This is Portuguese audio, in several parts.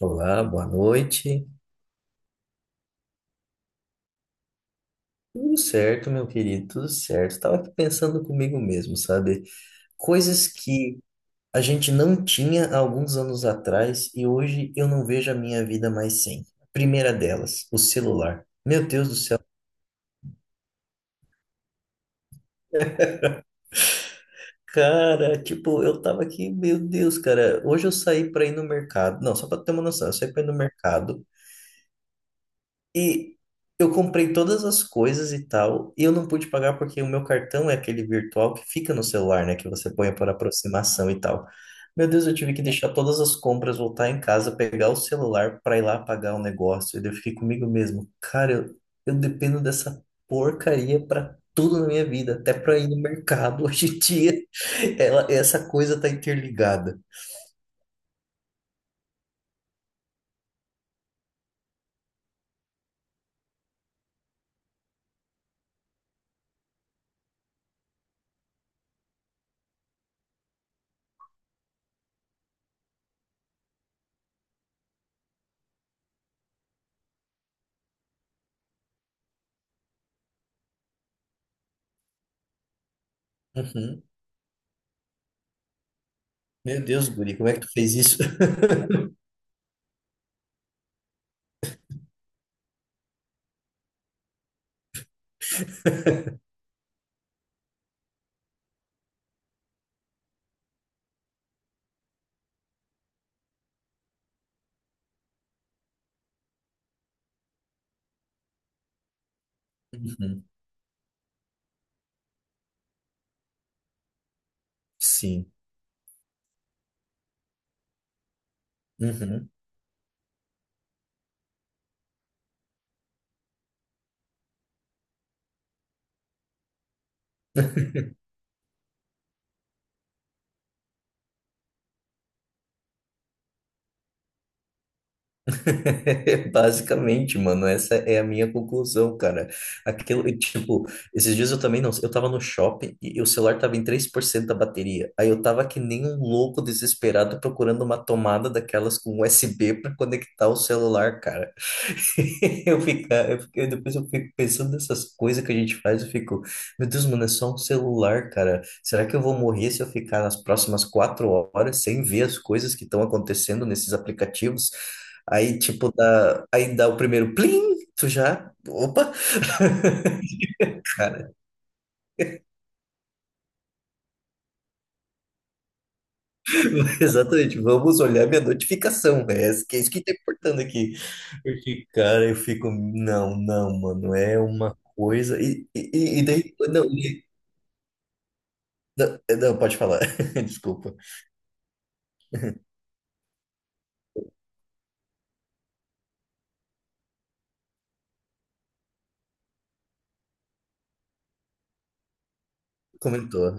Olá, boa noite. Tudo certo, meu querido, tudo certo. Estava aqui pensando comigo mesmo, sabe? Coisas que a gente não tinha há alguns anos atrás e hoje eu não vejo a minha vida mais sem. Primeira delas, o celular. Meu Deus do céu. Cara, tipo, eu tava aqui, meu Deus, cara. Hoje eu saí para ir no mercado. Não, só para ter uma noção, eu saí para ir no mercado. E eu comprei todas as coisas e tal, e eu não pude pagar porque o meu cartão é aquele virtual que fica no celular, né? Que você põe por aproximação e tal. Meu Deus, eu tive que deixar todas as compras, voltar em casa, pegar o celular para ir lá pagar o negócio. E daí eu fiquei comigo mesmo, cara, eu dependo dessa porcaria para tudo na minha vida, até para ir no mercado hoje em dia. Ela, essa coisa tá interligada. Uhum. Meu Deus, Guri, como é que tu fez isso? Uhum. Sim. Uhum. Basicamente, mano, essa é a minha conclusão, cara. Aquilo, e, tipo, esses dias eu também não, eu tava no shopping e o celular tava em 3% da bateria. Aí eu tava que nem um louco desesperado procurando uma tomada daquelas com USB pra conectar o celular, cara. Eu ficar, eu, fico- eu- Depois eu fico pensando nessas coisas que a gente faz, eu fico, meu Deus, mano, é só um celular, cara. Será que eu vou morrer se eu ficar nas próximas 4 horas sem ver as coisas que estão acontecendo nesses aplicativos? Aí, tipo, aí dá o primeiro plim, tu já, opa, cara, exatamente, vamos olhar minha notificação, né? Esse que é isso que tá importando aqui. Porque, cara, eu fico, não, não, mano, é uma coisa, e daí, não, não, não, pode falar. Desculpa. Comentou.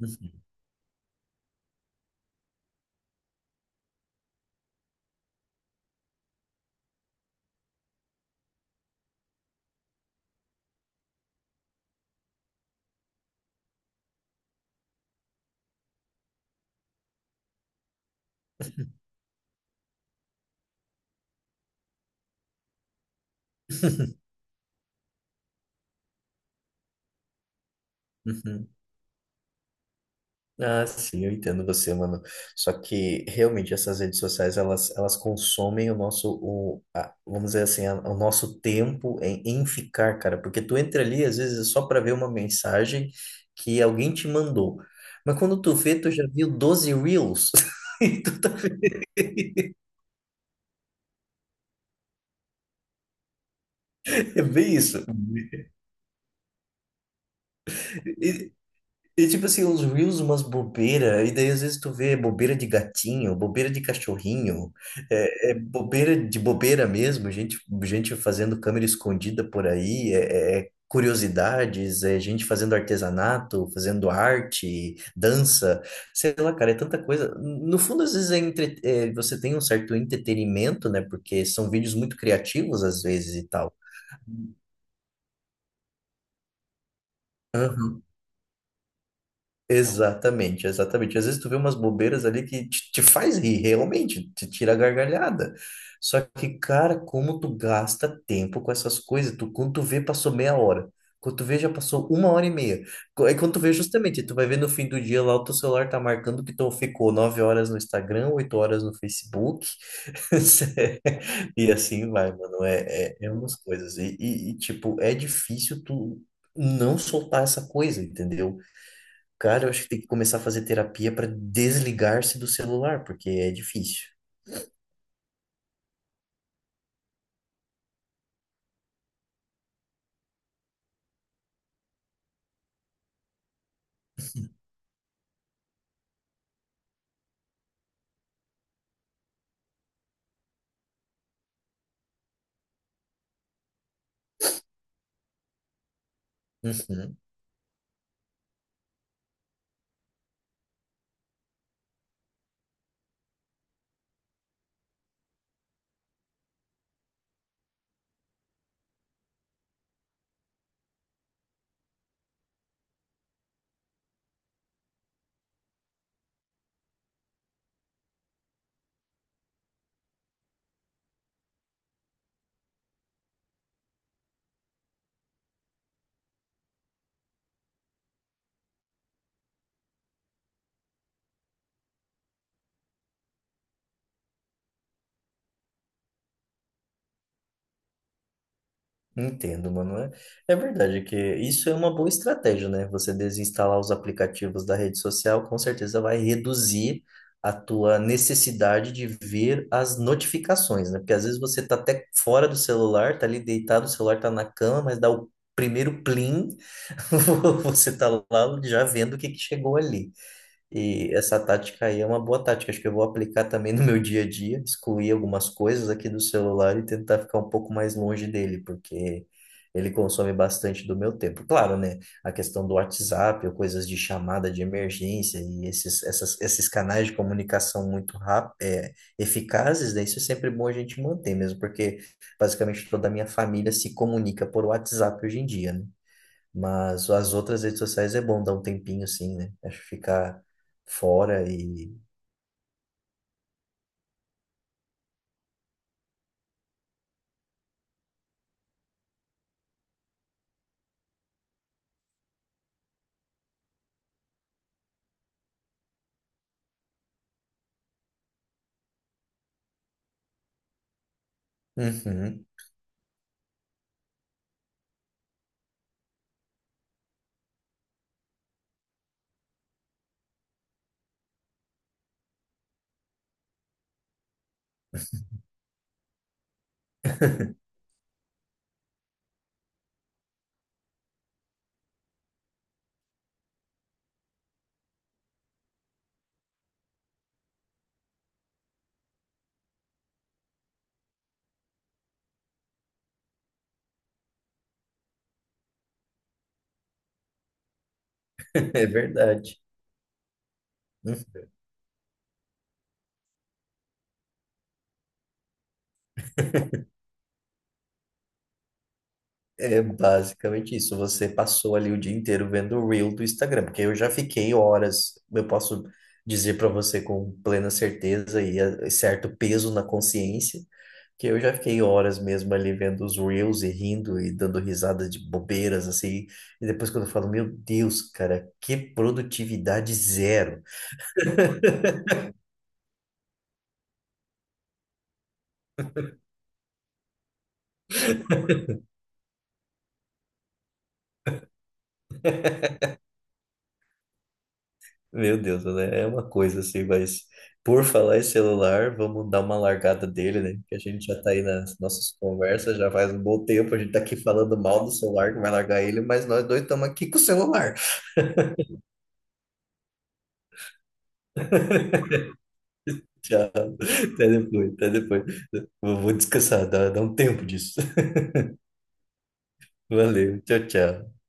Uhum, uhum. Ah, sim, eu entendo você, mano. Só que realmente essas redes sociais elas consomem o nosso, o, a- vamos dizer assim, a- o nosso tempo em ficar, cara. Porque tu entra ali, às vezes, é só para ver uma mensagem que alguém te mandou. Mas quando tu vê, tu já viu 12 reels. E tu tá, é bem isso. E tipo assim, uns reels, umas bobeira, e daí às vezes tu vê bobeira de gatinho, bobeira de cachorrinho, é bobeira de bobeira mesmo, gente, gente fazendo câmera escondida por aí, é curiosidades, é gente fazendo artesanato, fazendo arte, dança, sei lá, cara, é tanta coisa. No fundo, às vezes é, entre- é, você tem um certo entretenimento, né, porque são vídeos muito criativos às vezes e tal. Aham. Exatamente, exatamente. Às vezes tu vê umas bobeiras ali que te faz rir, realmente, te tira a gargalhada. Só que, cara, como tu gasta tempo com essas coisas, tu, quando tu vê, passou meia hora. Quando tu vê, já passou uma hora e meia. Aí quando tu vê, justamente, tu vai ver no fim do dia lá, o teu celular tá marcando que tu ficou 9 horas no Instagram, 8 horas no Facebook. E assim vai, mano. É umas coisas. Tipo, é difícil tu não soltar essa coisa, entendeu? Cara, eu acho que tem que começar a fazer terapia para desligar-se do celular, porque é difícil. Uhum, entendo, mano. É, é verdade que isso é uma boa estratégia, né? Você desinstalar os aplicativos da rede social, com certeza vai reduzir a tua necessidade de ver as notificações, né? Porque às vezes você tá até fora do celular, tá ali deitado, o celular tá na cama, mas dá o primeiro plim, você tá lá já vendo o que que chegou ali. E essa tática aí é uma boa tática. Acho que eu vou aplicar também no meu dia a dia, excluir algumas coisas aqui do celular e tentar ficar um pouco mais longe dele, porque ele consome bastante do meu tempo. Claro, né? A questão do WhatsApp ou coisas de chamada de emergência e esses canais de comunicação muito rápidos, é, eficazes, né? Isso é sempre bom a gente manter mesmo, porque basicamente toda a minha família se comunica por WhatsApp hoje em dia, né? Mas as outras redes sociais é bom dar um tempinho, sim, né? Acho que ficar fora e. Uhum. É verdade. É basicamente isso. Você passou ali o dia inteiro vendo o Reel do Instagram, porque eu já fiquei horas, eu posso dizer para você com plena certeza e certo peso na consciência, que eu já fiquei horas mesmo ali vendo os Reels e rindo e dando risadas de bobeiras, assim. E depois quando eu falo, meu Deus, cara, que produtividade zero. Meu Deus, né? É uma coisa assim, mas por falar em celular, vamos dar uma largada dele, né? Porque a gente já tá aí nas nossas conversas, já faz um bom tempo, a gente tá aqui falando mal do celular, que vai largar ele, mas nós dois estamos aqui com o celular. Tchau. Até depois, até depois. Vou descansar, dá um tempo disso. Valeu, tchau, tchau.